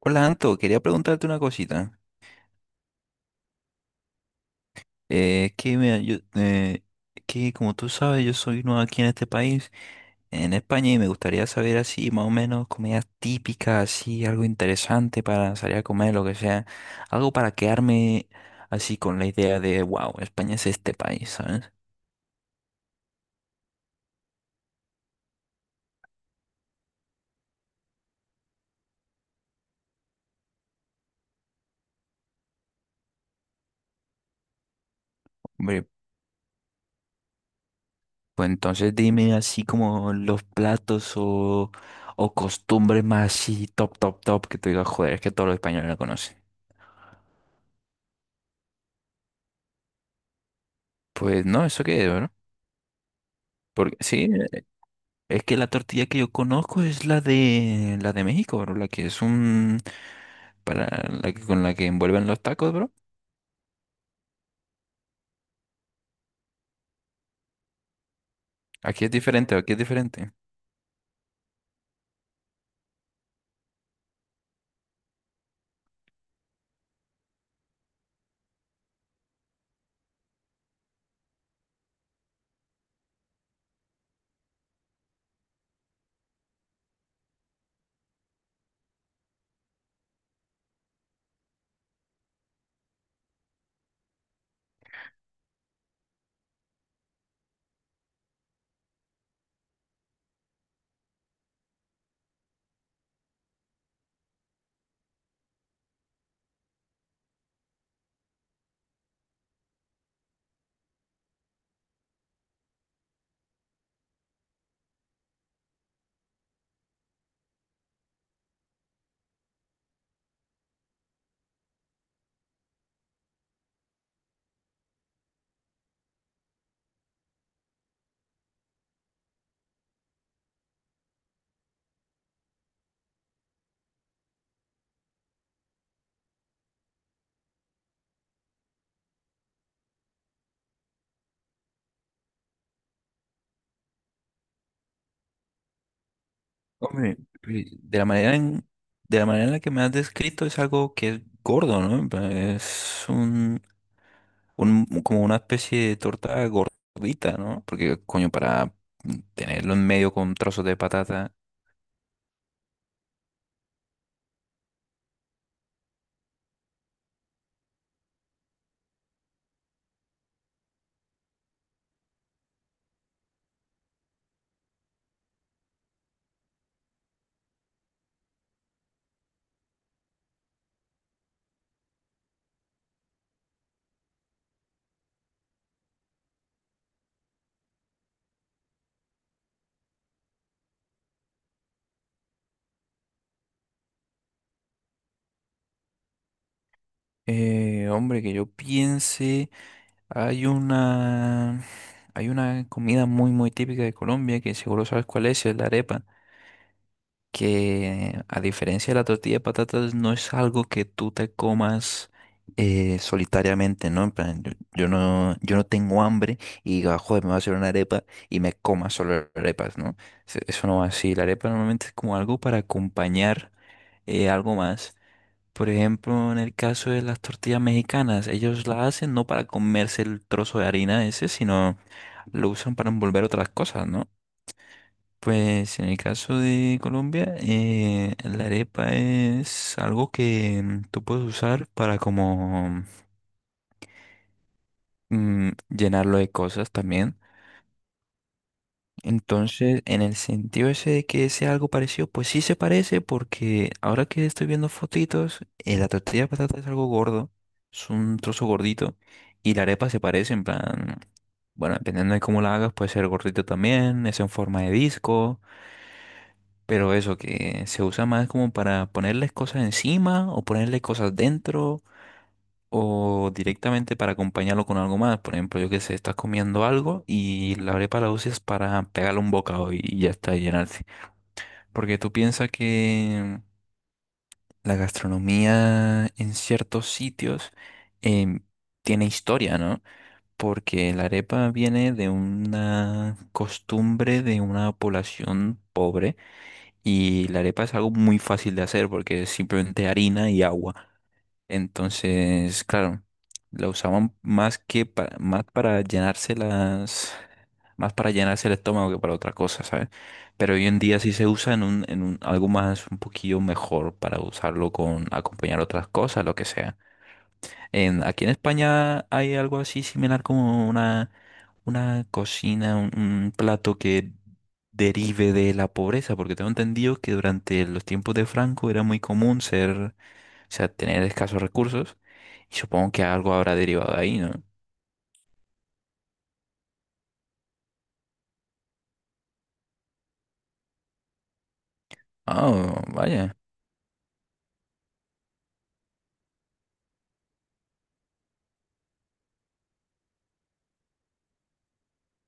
Hola Anto, quería preguntarte una cosita. Es que mira, yo, que como tú sabes, yo soy nuevo aquí en este país, en España, y me gustaría saber así, más o menos, comidas típicas, así, algo interesante para salir a comer, lo que sea. Algo para quedarme así con la idea de, wow, España es este país, ¿sabes? Hombre, pues entonces dime así como los platos o costumbres más así, top, top, top, que tú digas, joder, es que todos los españoles la conocen. Pues no, ¿eso qué es? Porque sí, es que la tortilla que yo conozco es la de México, bro, la que es un para la que con la que envuelven los tacos, bro. Aquí es diferente, aquí es diferente. Hombre, pues, de la manera en la que me has descrito es algo que es gordo, ¿no? En plan, es un- como una especie de torta gordita, ¿no? Porque coño, para tenerlo en medio con trozos de patata, hombre, que yo piense. Hay una, Hay una comida muy, muy típica de Colombia que seguro sabes cuál es la arepa, que a diferencia de la tortilla de patatas no es algo que tú te comas solitariamente, ¿no? En plan, yo no tengo hambre y diga, joder, me voy a hacer una arepa y me coma solo arepas, ¿no? Se- eso no va así. La arepa normalmente es como algo para acompañar algo más. Por ejemplo, en el caso de las tortillas mexicanas, ellos la hacen no para comerse el trozo de harina ese, sino lo usan para envolver otras cosas, ¿no? Pues en el caso de Colombia, la arepa es algo que tú puedes usar para como llenarlo de cosas también. Entonces, en el sentido ese de que sea algo parecido, pues sí se parece porque ahora que estoy viendo fotitos, la tortilla de patata es algo gordo, es un trozo gordito y la arepa se parece en plan, bueno, dependiendo de cómo la hagas, puede ser gordito también, es en forma de disco, pero eso que se usa más como para ponerles cosas encima o ponerle cosas dentro o directamente para acompañarlo con algo más. Por ejemplo, yo que sé, estás comiendo algo y la arepa la usas para pegarle un bocado y ya está, y llenarse. Porque tú piensas que la gastronomía en ciertos sitios em, tiene historia, ¿no? Porque la arepa viene de una costumbre de una población pobre y la arepa es algo muy fácil de hacer porque es simplemente harina y agua. Entonces, claro, la usaban más que para, más para llenarse las, más para llenarse el estómago que para otra cosa, ¿sabes? Pero hoy en día sí se usa en un- algo más, un poquillo mejor para usarlo con acompañar otras cosas, lo que sea. En, aquí en España hay algo así similar como una cocina, un plato que derive de la pobreza, porque tengo entendido que durante los tiempos de Franco era muy común ser sea, tener escasos recursos, y supongo que algo habrá derivado de ahí, ¿no? Ah, vaya,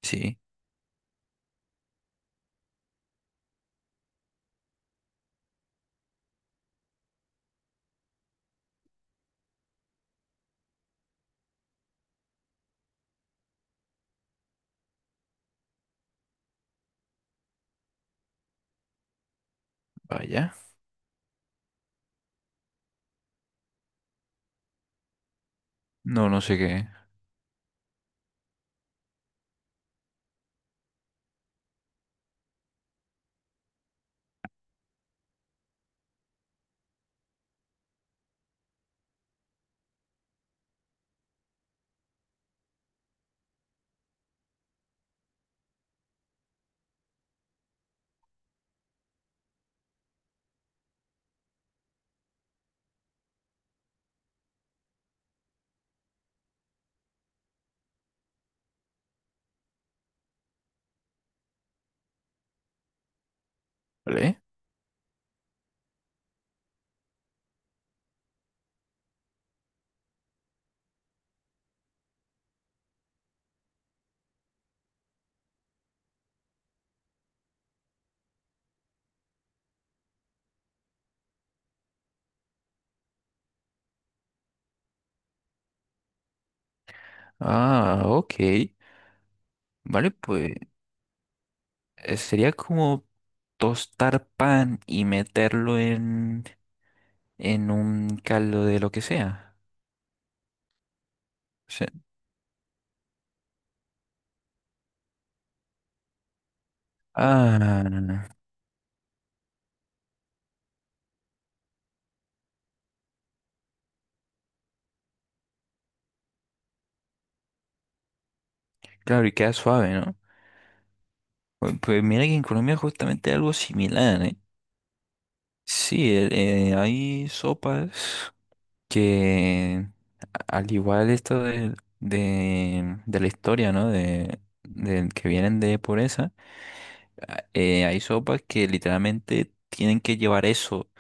sí, vaya. No, no sé qué. ¿Vale? Ah, ok. Vale, pues sería como tostar pan y meterlo en un caldo de lo que sea. O ah, claro, y queda suave, ¿no? Pues, pues mira que en Colombia justamente algo similar, ¿eh? Sí, el- hay sopas que a- al igual esto de, de la historia, ¿no? De, del que vienen de pobreza, a- hay sopas que literalmente tienen que llevar eso,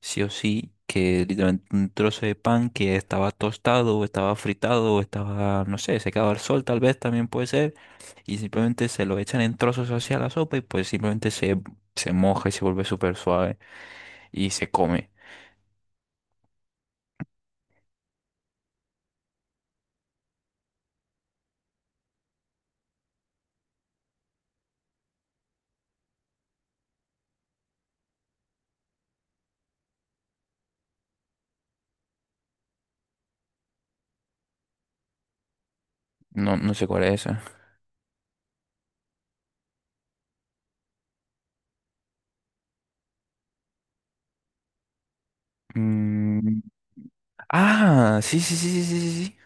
sí o sí, que literalmente un trozo de pan que estaba tostado o estaba fritado o estaba, no sé, secado al sol tal vez también puede ser, y simplemente se lo echan en trozos hacia la sopa y pues simplemente se, se moja y se vuelve súper suave y se come. No, no sé cuál es esa. Ah, sí, sí, sí, sí, sí, sí.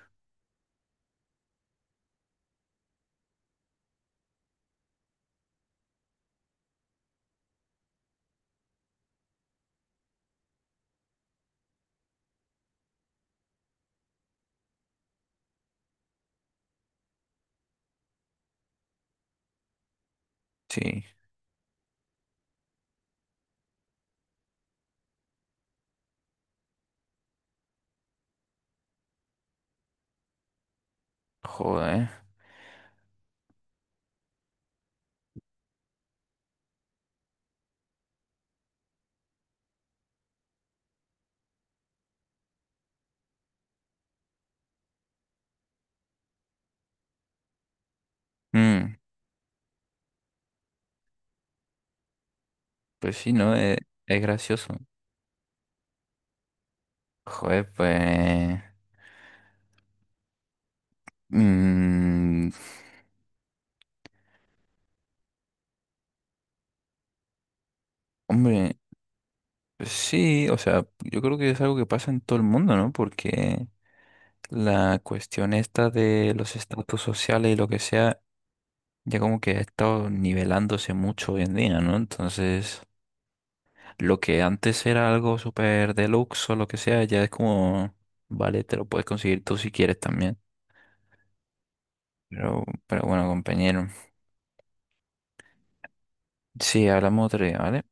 Sí, sí, joder. Mm, pues sí, ¿no? Es gracioso. Joder, pues... mm, hombre, pues sí, o sea, yo creo que es algo que pasa en todo el mundo, ¿no? Porque la cuestión esta de los estatus sociales y lo que sea, ya como que ha estado nivelándose mucho hoy en día, ¿no? Entonces, lo que antes era algo súper deluxe o lo que sea, ya es como, vale, te lo puedes conseguir tú si quieres también. Pero bueno, compañero. Sí, hablamos otro día, ¿vale?